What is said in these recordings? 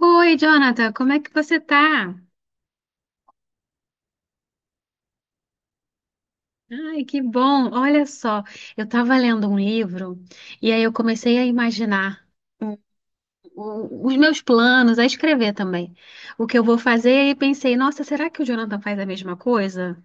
Oi, Jonathan, como é que você tá? Ai, que bom! Olha só, eu estava lendo um livro e aí eu comecei a imaginar os meus planos, a escrever também, o que eu vou fazer e pensei, nossa, será que o Jonathan faz a mesma coisa?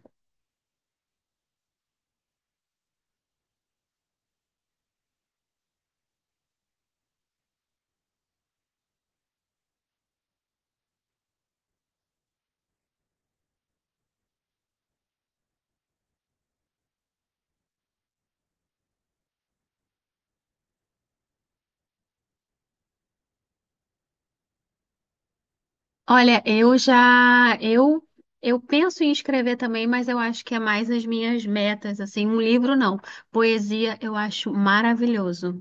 Olha, eu penso em escrever também, mas eu acho que é mais as minhas metas, assim, um livro não, poesia eu acho maravilhoso.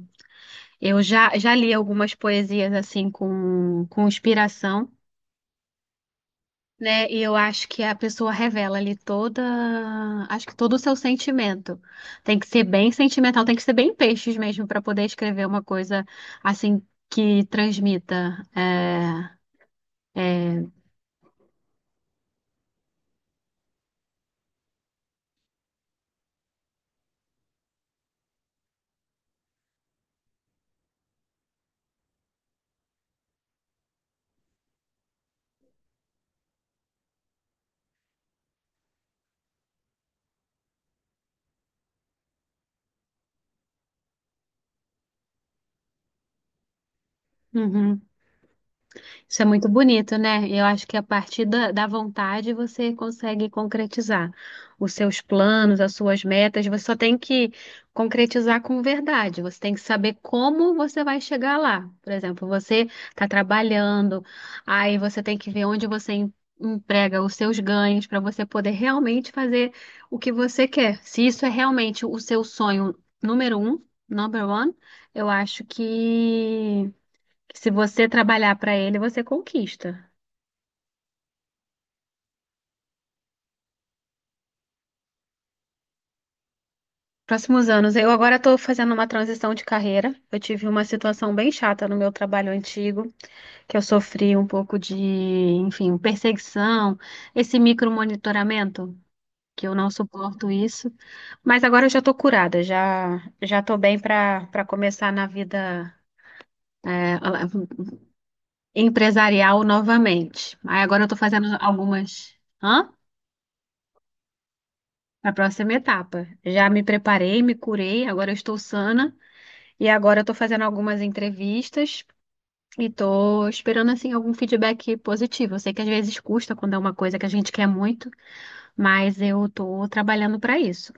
Já li algumas poesias assim com inspiração, né? E eu acho que a pessoa revela ali toda, acho que todo o seu sentimento. Tem que ser bem sentimental, tem que ser bem peixes mesmo para poder escrever uma coisa assim que transmita. É, é. Uhum. Isso é muito bonito, né? Eu acho que a partir da vontade você consegue concretizar os seus planos, as suas metas. Você só tem que concretizar com verdade. Você tem que saber como você vai chegar lá. Por exemplo, você está trabalhando, aí você tem que ver onde você emprega os seus ganhos para você poder realmente fazer o que você quer. Se isso é realmente o seu sonho número um, number one, eu acho que se você trabalhar para ele, você conquista. Próximos anos, eu agora estou fazendo uma transição de carreira. Eu tive uma situação bem chata no meu trabalho antigo, que eu sofri um pouco de, enfim, perseguição, esse micromonitoramento, que eu não suporto isso. Mas agora eu já estou curada, já estou bem para começar na vida é, empresarial novamente. Aí agora eu estou fazendo algumas. Hã? A próxima etapa. Já me preparei, me curei, agora eu estou sana e agora eu estou fazendo algumas entrevistas e estou esperando assim algum feedback positivo. Eu sei que às vezes custa quando é uma coisa que a gente quer muito, mas eu estou trabalhando para isso.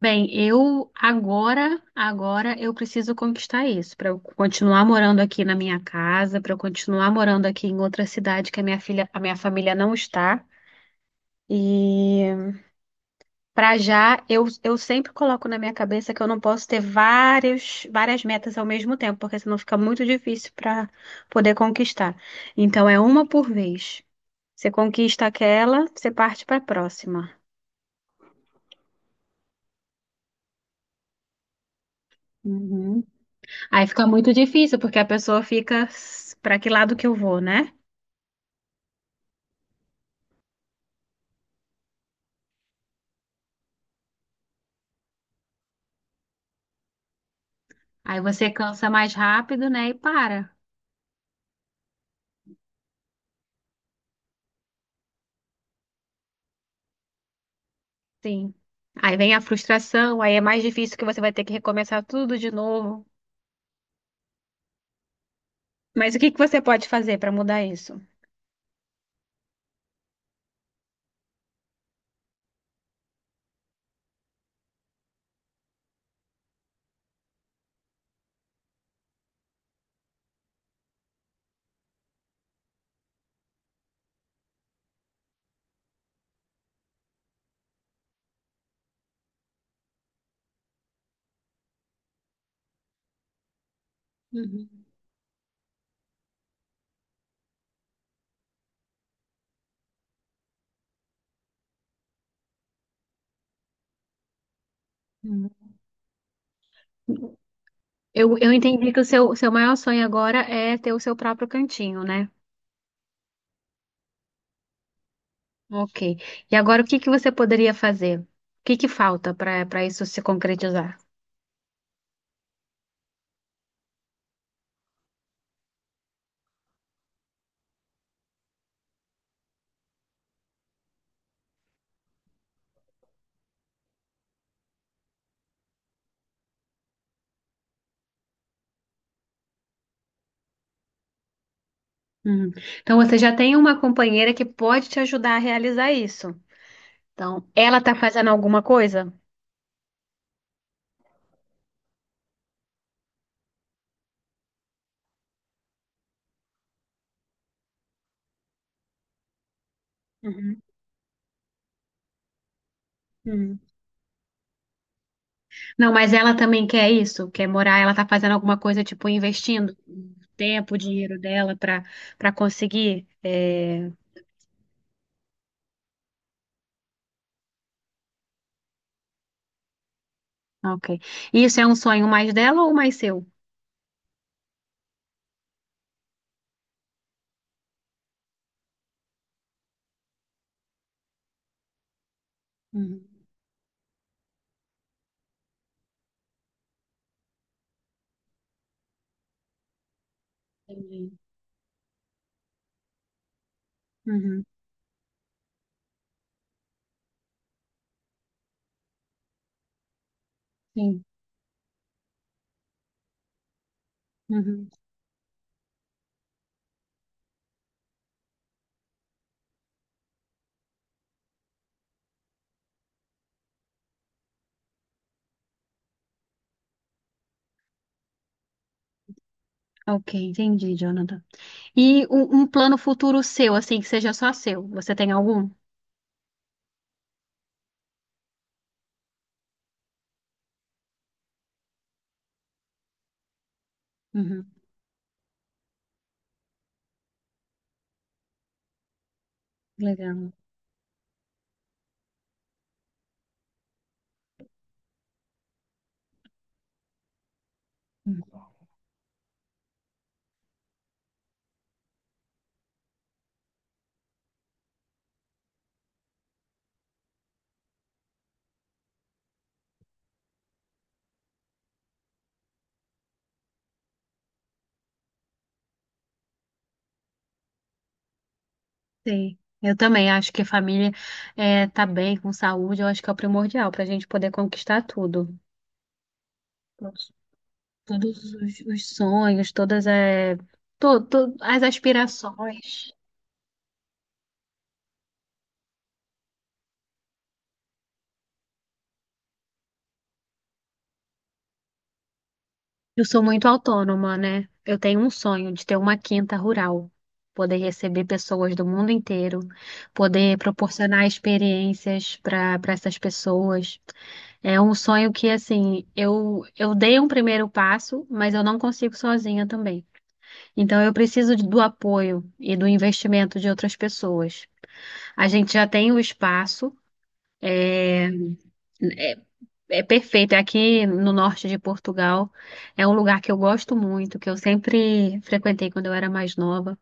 Bem, agora eu preciso conquistar isso para eu continuar morando aqui na minha casa, para eu continuar morando aqui em outra cidade que a minha filha, a minha família não está. E para já, eu sempre coloco na minha cabeça que eu não posso ter várias metas ao mesmo tempo, porque senão fica muito difícil para poder conquistar. Então, é uma por vez. Você conquista aquela, você parte para a próxima. Uhum. Aí fica muito difícil, porque a pessoa fica para que lado que eu vou, né? Aí você cansa mais rápido, né? E para. Sim. Aí vem a frustração, aí é mais difícil que você vai ter que recomeçar tudo de novo. Mas o que que você pode fazer para mudar isso? Uhum. Eu entendi que o seu maior sonho agora é ter o seu próprio cantinho, né? Ok. E agora o que que você poderia fazer? O que que falta para isso se concretizar? Uhum. Então você já tem uma companheira que pode te ajudar a realizar isso. Então, ela tá fazendo alguma coisa? Uhum. Uhum. Não, mas ela também quer isso, quer morar, ela tá fazendo alguma coisa, tipo, investindo tempo, dinheiro dela para conseguir. É... Ok. Isso é um sonho mais dela ou mais seu? Uhum. Entendi. Uhum, sim. Uhum. Ok, entendi, Jonathan. E um plano futuro seu, assim, que seja só seu. Você tem algum? Uhum, legal. Uhum. Sei. Eu também acho que a família é, tá bem, com saúde, eu acho que é o primordial para a gente poder conquistar tudo. Todos, todos os sonhos, todas é, as aspirações. Eu sou muito autônoma, né? Eu tenho um sonho de ter uma quinta rural, poder receber pessoas do mundo inteiro, poder proporcionar experiências para essas pessoas. É um sonho que, assim, eu dei um primeiro passo, mas eu não consigo sozinha também. Então, eu preciso do apoio e do investimento de outras pessoas. A gente já tem o espaço. É perfeito. Aqui no norte de Portugal é um lugar que eu gosto muito, que eu sempre frequentei quando eu era mais nova.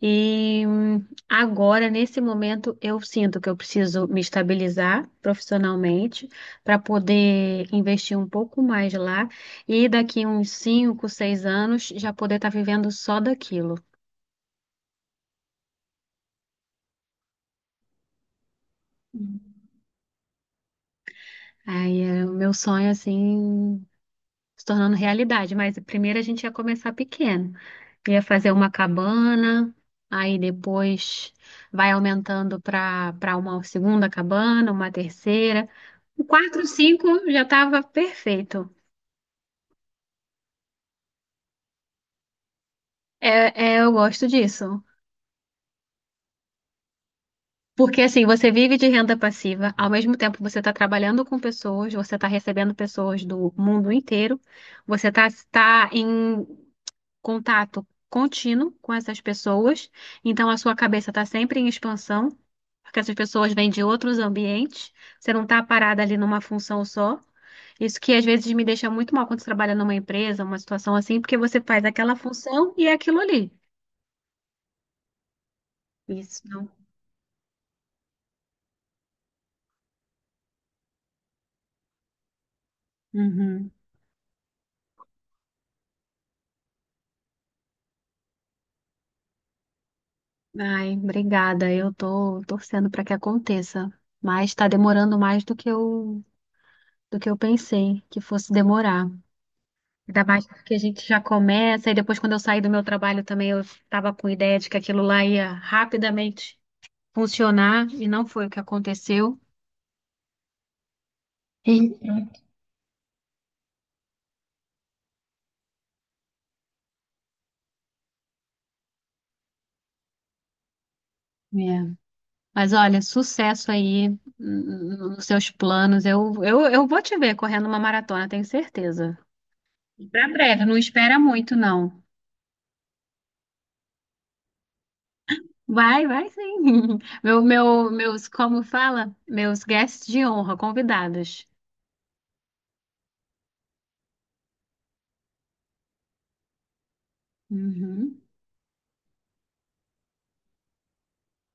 E agora, nesse momento, eu sinto que eu preciso me estabilizar profissionalmente para poder investir um pouco mais lá e daqui uns 5, 6 anos já poder estar vivendo só daquilo. Aí é o meu sonho, assim, se tornando realidade. Mas primeiro a gente ia começar pequeno. Ia fazer uma cabana, aí depois vai aumentando para uma segunda cabana, uma terceira. O quatro, cinco já estava perfeito. É, é, eu gosto disso. Porque assim, você vive de renda passiva, ao mesmo tempo você está trabalhando com pessoas, você está recebendo pessoas do mundo inteiro, você está em contato contínuo com essas pessoas, então a sua cabeça está sempre em expansão, porque essas pessoas vêm de outros ambientes, você não está parada ali numa função só. Isso que às vezes me deixa muito mal quando você trabalha numa empresa, uma situação assim, porque você faz aquela função e é aquilo ali. Isso, não. Uhum. Ai, obrigada. Eu tô torcendo para que aconteça, mas está demorando mais do que eu pensei que fosse demorar. Ainda mais porque a gente já começa, e depois, quando eu saí do meu trabalho também, eu estava com ideia de que aquilo lá ia rapidamente funcionar, e não foi o que aconteceu. Eita. É. Mas olha, sucesso aí nos seus planos. Eu vou te ver correndo uma maratona, tenho certeza. Para breve, não espera muito, não. Vai, vai sim. Meus, como fala? Meus guests de honra, convidados. Uhum.